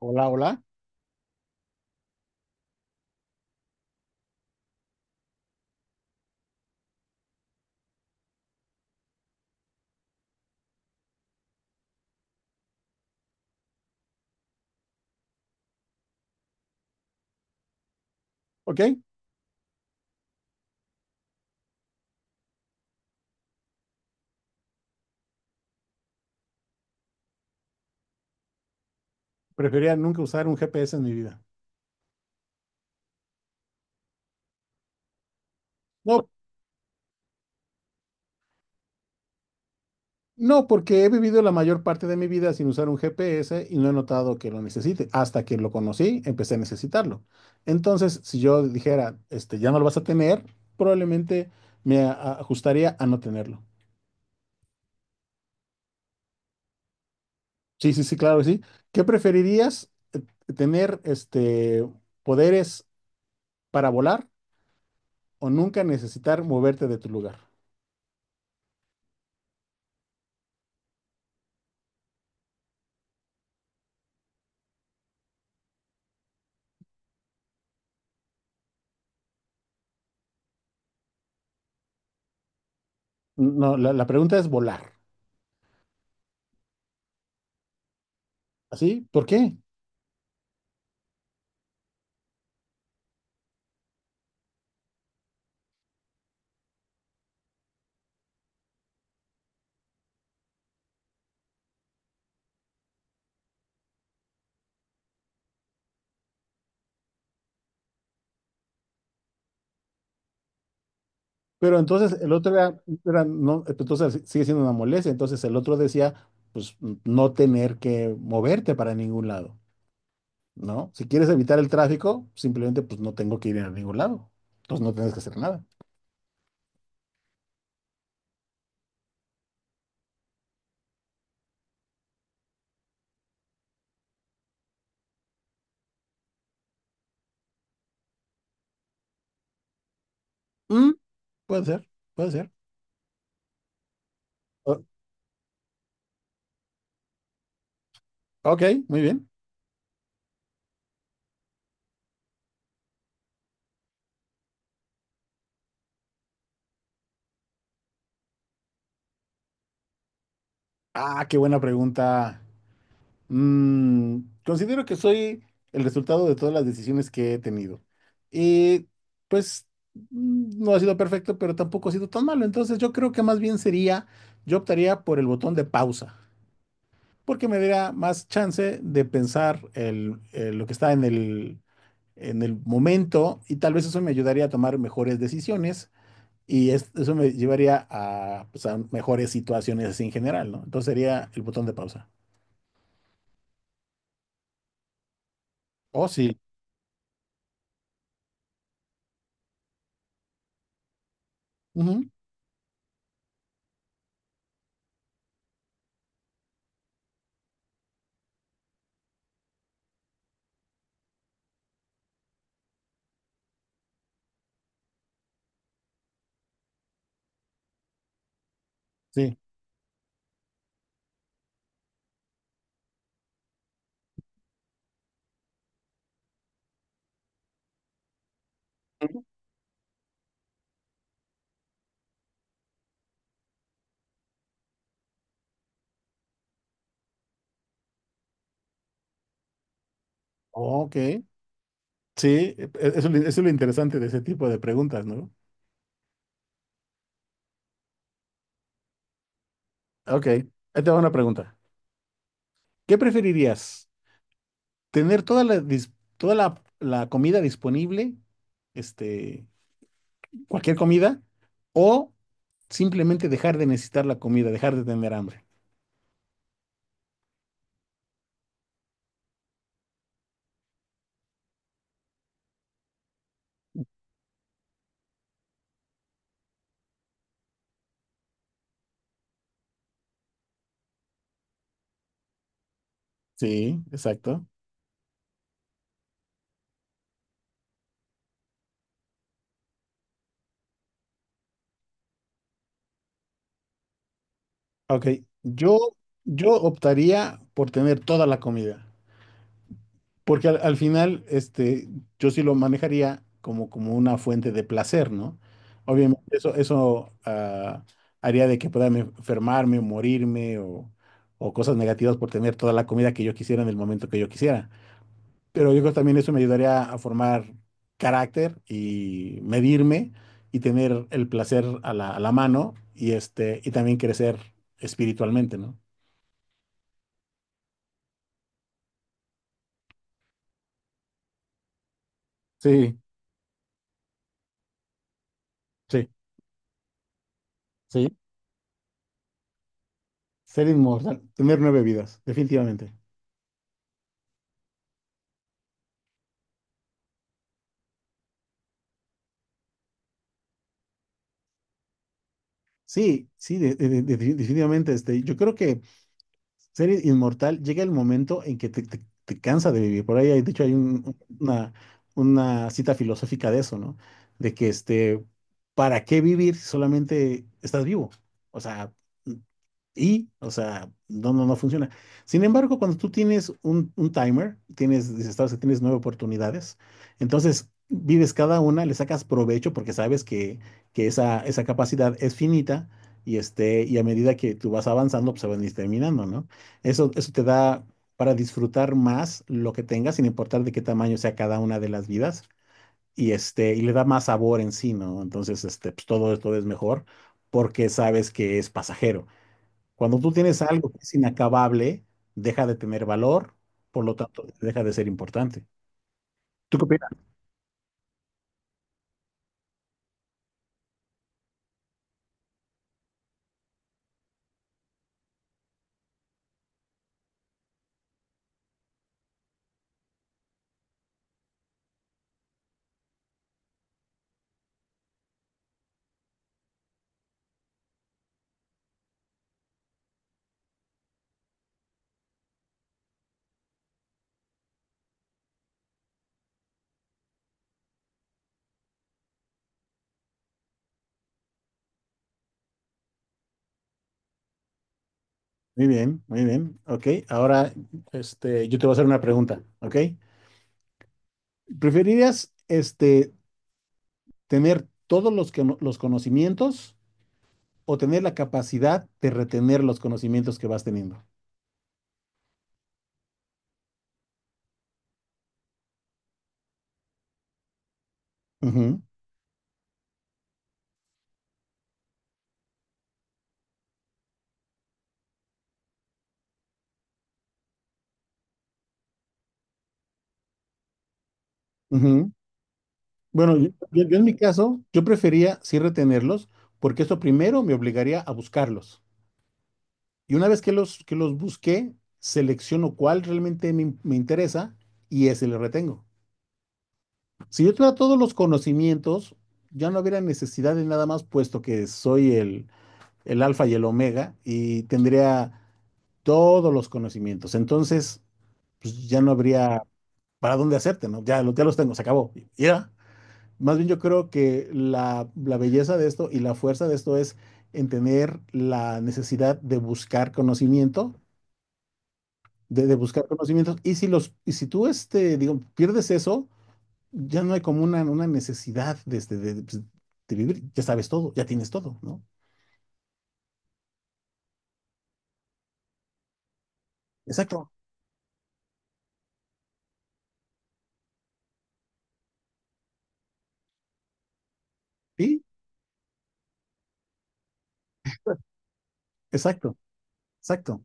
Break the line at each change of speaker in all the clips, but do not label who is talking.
Hola, hola. Ok, preferiría nunca usar un GPS en mi vida. No, no, porque he vivido la mayor parte de mi vida sin usar un GPS y no he notado que lo necesite. Hasta que lo conocí, empecé a necesitarlo. Entonces, si yo dijera, ya no lo vas a tener, probablemente ajustaría a no tenerlo. Sí, sí, sí, claro que sí. ¿Qué preferirías? ¿Tener poderes para volar o nunca necesitar moverte de tu lugar? No, la pregunta es volar. ¿Así? ¿Por qué? Pero entonces el otro era no, pues, entonces si, sigue siendo una molestia. Entonces el otro decía, pues no tener que moverte para ningún lado, ¿no? Si quieres evitar el tráfico, simplemente pues no tengo que ir a ningún lado. Entonces no tienes que hacer nada. Mm, puede ser, puede ser. O- ok, muy bien. Ah, qué buena pregunta. Mm, considero que soy el resultado de todas las decisiones que he tenido. Y pues no ha sido perfecto, pero tampoco ha sido tan malo. Entonces yo creo que más bien sería, yo optaría por el botón de pausa, porque me daría más chance de pensar lo que está en el momento y tal vez eso me ayudaría a tomar mejores decisiones y eso me llevaría a, pues, a mejores situaciones así en general, ¿no? Entonces sería el botón de pausa. Oh, sí. Ujú. Sí. Oh, ok, sí, eso es lo interesante de ese tipo de preguntas, ¿no? Ok, ahí te va una pregunta. ¿Qué preferirías? ¿Tener toda la comida disponible, este, cualquier comida, o simplemente dejar de necesitar la comida, dejar de tener hambre? Sí, exacto. Ok, yo, yo optaría por tener toda la comida. Porque al final, yo sí lo manejaría como, como una fuente de placer, ¿no? Obviamente eso haría de que pueda enfermarme o morirme o cosas negativas por tener toda la comida que yo quisiera en el momento que yo quisiera. Pero yo creo que también eso me ayudaría a formar carácter y medirme y tener el placer a a la mano y, y también crecer espiritualmente, ¿no? Sí, sí, sí. Ser inmortal, tener 9 vidas, definitivamente. Sí, sí, definitivamente. Yo creo que ser inmortal llega el momento en que te, te cansa de vivir. Por ahí, de hecho, una cita filosófica de eso, ¿no? De que, ¿para qué vivir si solamente estás vivo? O sea, y, o sea, no, no, no funciona. Sin embargo, cuando tú tienes un timer, tienes, dices, sabes que tienes 9 oportunidades, entonces vives cada una, le sacas provecho porque sabes que esa capacidad es finita y, y a medida que tú vas avanzando, pues se van a ir terminando, ¿no? Eso te da para disfrutar más lo que tengas, sin importar de qué tamaño sea cada una de las vidas, y, y le da más sabor en sí, ¿no? Entonces, pues todo, todo es mejor porque sabes que es pasajero. Cuando tú tienes algo que es inacabable, deja de tener valor, por lo tanto, deja de ser importante. ¿Tú qué opinas? Muy bien, muy bien. Ok, ahora yo te voy a hacer una pregunta, ¿ok? ¿Preferirías tener todos no, los conocimientos o tener la capacidad de retener los conocimientos que vas teniendo? Ujú, ujú. Bueno, yo en mi caso, yo prefería sí retenerlos porque eso primero me obligaría a buscarlos. Y una vez que que los busqué, selecciono cuál realmente me interesa y ese le retengo. Si yo tuviera todos los conocimientos, ya no hubiera necesidad de nada más, puesto que soy el alfa y el omega y tendría todos los conocimientos. Entonces, pues ya no habría para dónde hacerte, ¿no? Ya, ya los tengo, se acabó. Y ya. Más bien yo creo que la belleza de esto y la fuerza de esto es en tener la necesidad de buscar conocimiento de buscar conocimientos. Y si los, y si tú digo, pierdes eso, ya no hay como una necesidad de, pues, de vivir, ya sabes todo, ya tienes todo, ¿no? Exacto. Sí, exacto, exacto.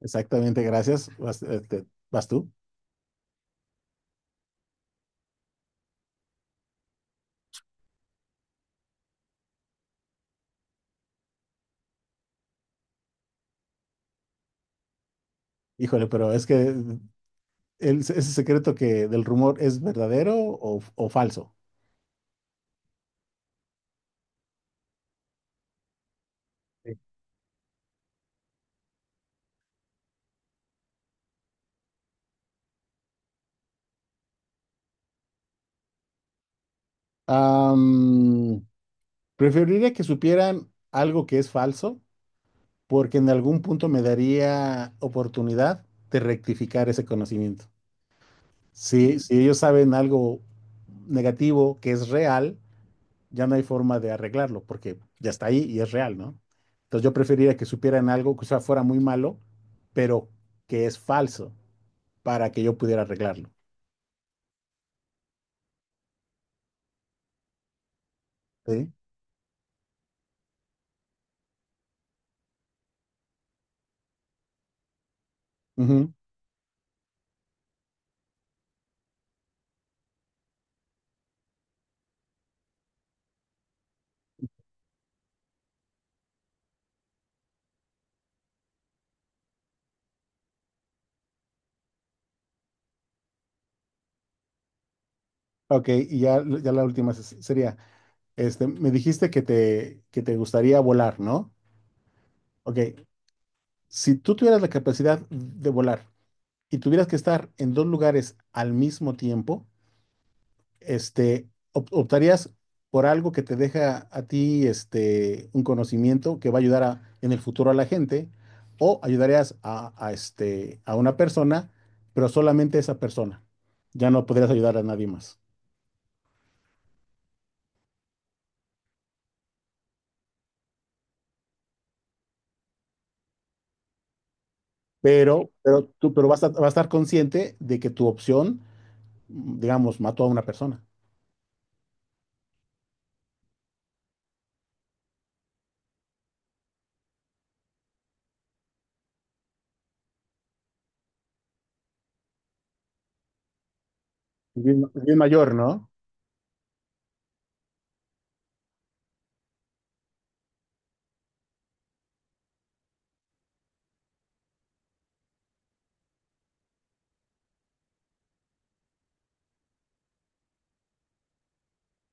Exactamente, gracias. Vas, vas tú. Híjole, pero es que ese secreto que del rumor es verdadero o falso. Sí. Am, preferiría que supieran algo que es falso porque en algún punto me daría oportunidad de rectificar ese conocimiento. Si, si ellos saben algo negativo que es real, ya no hay forma de arreglarlo, porque ya está ahí y es real, ¿no? Entonces yo preferiría que supieran algo que o sea, fuera muy malo, pero que es falso, para que yo pudiera arreglarlo. ¿Sí? Ujú. Ok, y ya, sería, me dijiste que te gustaría volar, ¿no? Ok, si tú tuvieras la capacidad de volar, y tuvieras que estar en dos lugares al mismo tiempo, optarías por algo que te deja a ti un conocimiento que va a ayudar en el futuro a la gente, o ayudarías a, a una persona, pero solamente esa persona. Ya no podrías ayudar a nadie más. Pero tú, pero vas a, vas a estar consciente de que tu opción, digamos, mató a una persona. Es bien mayor, ¿no?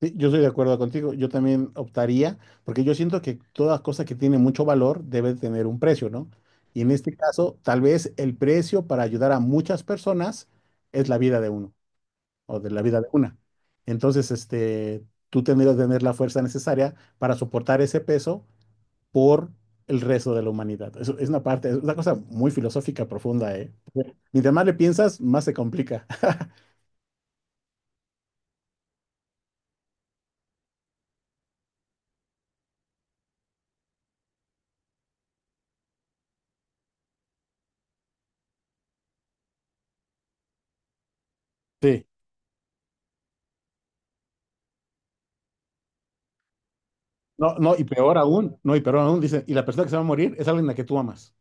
Sí, yo estoy de acuerdo contigo. Yo también optaría, porque yo siento que toda cosa que tiene mucho valor debe tener un precio, ¿no? Y en este caso, tal vez el precio para ayudar a muchas personas es la vida de uno o de la vida de una. Entonces, tú tendrías que tener la fuerza necesaria para soportar ese peso por el resto de la humanidad. Eso es una parte, es una cosa muy filosófica profunda, ¿eh? Mientras más le piensas, más se complica. Sí. No, no, y peor aún, no, y peor aún, dicen, y la persona que se va a morir es alguien a la que tú amas.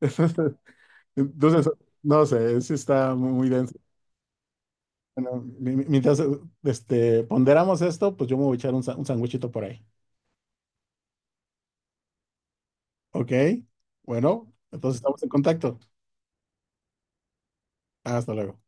Entonces, no sé, sí está muy, muy denso. Bueno, mientras ponderamos esto, pues yo me voy a echar un, un sandwichito por ahí. ¿Ok? Bueno, entonces estamos en contacto. Hasta luego.